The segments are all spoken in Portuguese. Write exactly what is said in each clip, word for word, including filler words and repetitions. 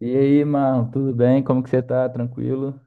E aí, mano, tudo bem? Como que você tá? Tranquilo?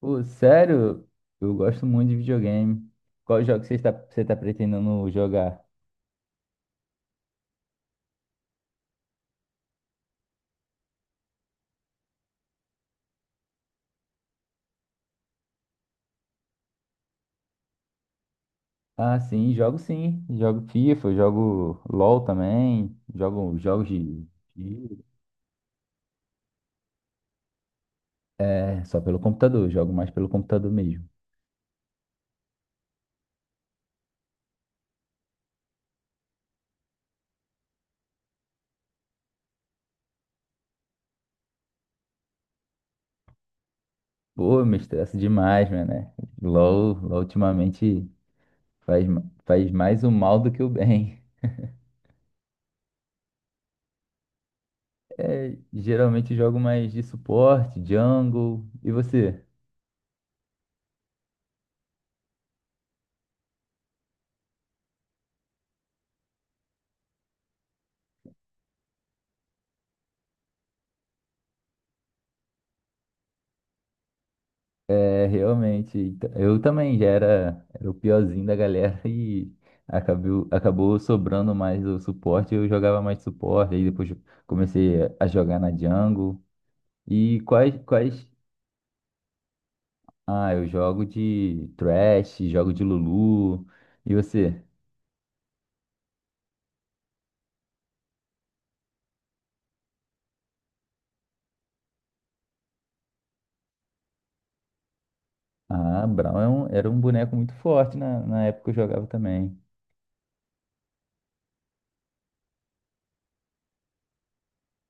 Pô, sério? Eu gosto muito de videogame. Qual jogo você está, você tá pretendendo jogar? Ah, sim, jogo sim. Jogo FIFA, jogo LOL também. Jogo jogos de... de- É, só pelo computador. Jogo mais pelo computador mesmo. Pô, eu me estressa demais, mano, né? LOL, LOL ultimamente faz, ma- faz mais o mal do que o bem. É, geralmente jogo mais de suporte, jungle. E você? É, realmente. Então, eu também já era, era o piorzinho da galera e acabou, acabou sobrando mais o suporte. Eu jogava mais suporte, aí depois comecei a jogar na jungle. E quais, quais? Ah, eu jogo de Thresh, jogo de Lulu. E você? Ah, Brown é um- era um boneco muito forte na, na época que eu jogava também.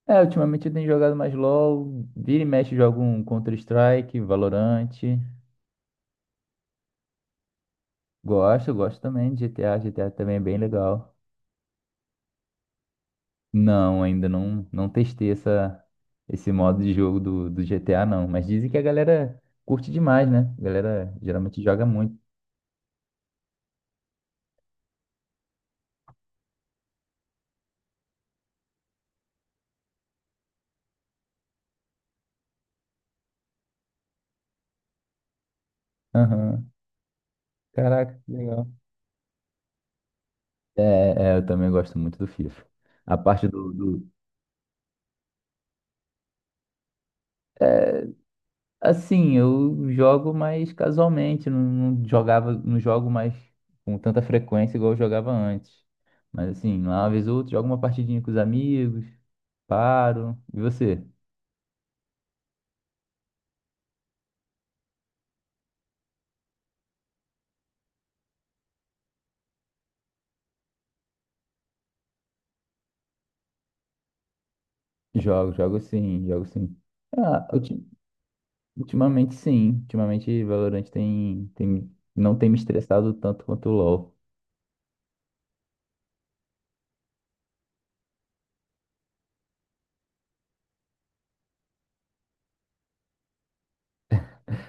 É, ultimamente eu tenho jogado mais LoL, vira e mexe eu jogo um Counter-Strike, Valorant. Gosto, gosto também de G T A. G T A também é bem legal. Não, ainda não, não testei essa, esse modo de jogo do, do G T A, não. Mas dizem que a galera curte demais, né? A galera geralmente joga muito. Aham. Caraca, que legal. É, é, eu também gosto muito do FIFA. A parte do, do- é, assim, eu jogo mais casualmente, não, não jogava, não jogo mais com tanta frequência igual eu jogava antes. Mas assim, lá uma vez ou outra, jogo uma partidinha com os amigos, paro. E você? Jogo, jogo sim, jogo sim. Ah, ulti- ultimamente sim. Ultimamente Valorant tem, tem, não tem me estressado tanto quanto o LoL.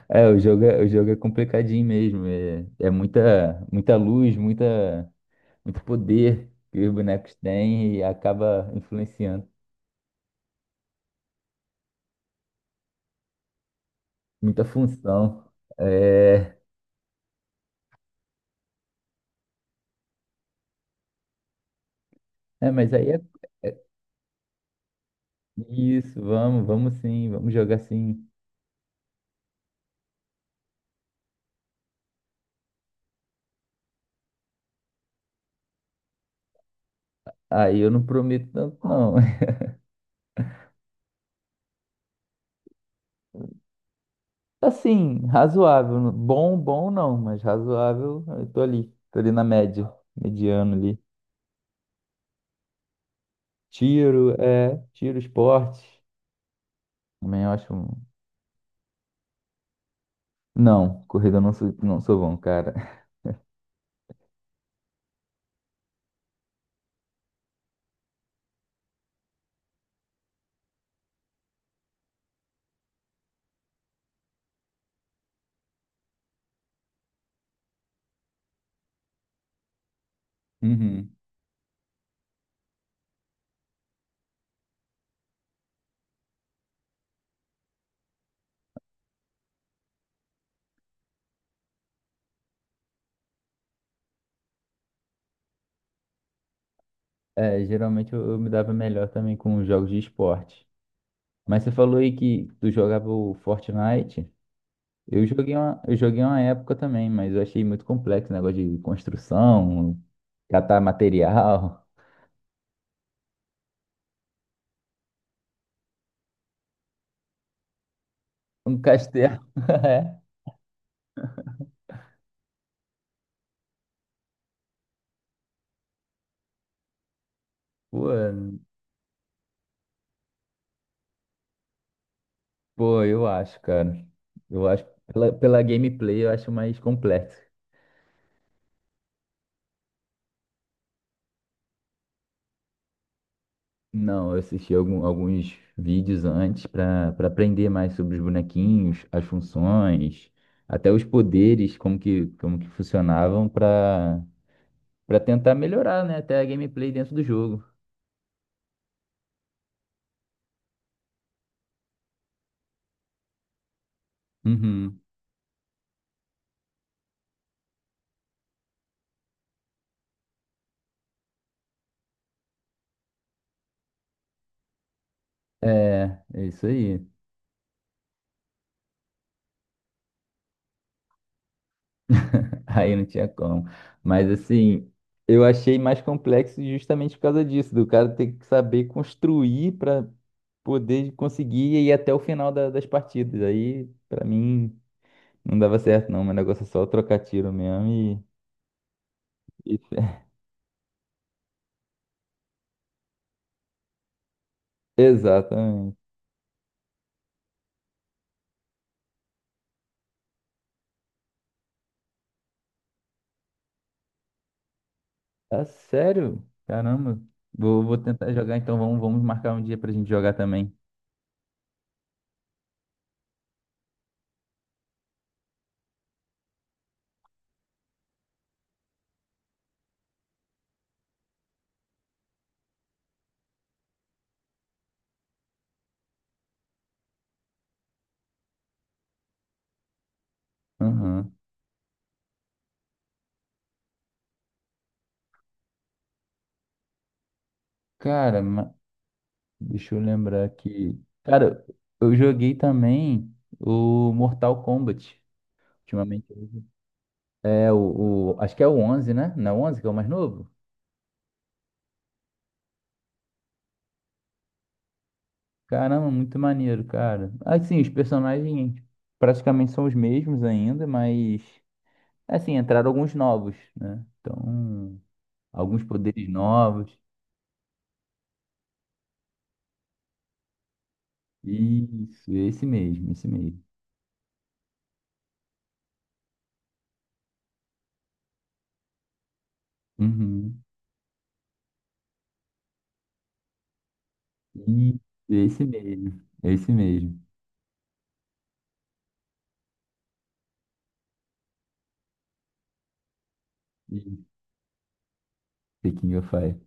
É, o jogo é, o jogo é complicadinho mesmo. É, é muita, muita luz, muita, muito poder que os bonecos têm e acaba influenciando. Muita função. É, é, mas aí é, é isso, vamos, vamos sim, vamos jogar sim. Aí eu não prometo tanto, não. Assim, razoável. Bom, bom não, mas razoável. Eu tô ali, tô ali na média, mediano ali. Tiro, é, tiro, esporte. Também eu acho. um- Não, corrida eu não sou, não sou bom, cara. Uhum. É, geralmente eu, eu me dava melhor também com os jogos de esporte. Mas você falou aí que tu jogava o Fortnite. Eu joguei uma, eu joguei uma época também, mas eu achei muito complexo o negócio de construção, catar material, um castelo. É. Pô, Pô, eu acho, cara. Eu acho, pela, pela gameplay, eu acho mais completo. Não, eu assisti algum- alguns vídeos antes pra para aprender mais sobre os bonequinhos, as funções, até os poderes, como que, como que funcionavam pra para tentar melhorar, né, até a gameplay dentro do jogo. Uhum. É, é isso aí. Aí não tinha como. Mas assim, eu achei mais complexo justamente por causa disso, do cara ter que saber construir para poder conseguir ir até o final da- das partidas. Aí, pra mim, não dava certo, não. Meu negócio é só trocar tiro mesmo e... e Exatamente. Ah, sério? Caramba. Vou, vou tentar jogar, então vamos, vamos marcar um dia pra gente jogar também. Aham. Cara, ma- deixa eu lembrar aqui. Cara, eu joguei também o Mortal Kombat. Ultimamente. É o, o- Acho que é o onze, né? Não é o onze que é o mais novo? Caramba, muito maneiro, cara. Assim, os personagens praticamente são os mesmos ainda, mas assim, entraram alguns novos, né? Então, alguns poderes novos. Isso, esse mesmo, esse mesmo. Uhum. Isso, esse mesmo, esse mesmo. Isso, The King of Fire.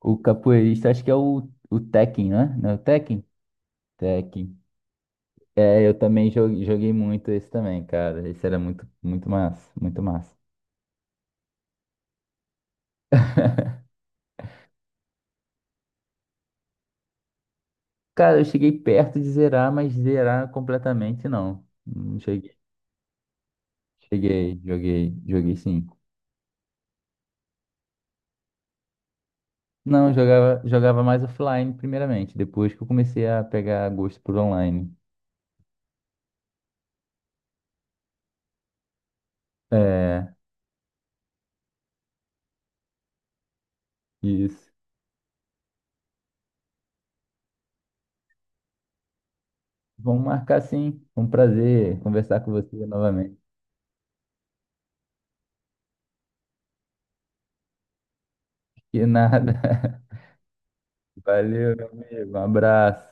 O capoeirista, acho que é o, o Tekken, né? Não é o Tekken? Tekken. É, eu também jo- joguei muito esse também, cara. Esse era muito, muito massa, muito massa. Cara, eu cheguei perto de zerar, mas zerar completamente não. Não cheguei. Cheguei, joguei, joguei sim. Não, eu jogava, jogava mais offline primeiramente, depois que eu comecei a pegar gosto por online. É, isso. Vamos marcar sim. Foi um prazer conversar com você novamente. Que nada. Valeu, meu amigo. Um abraço.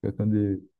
Fica com Deus.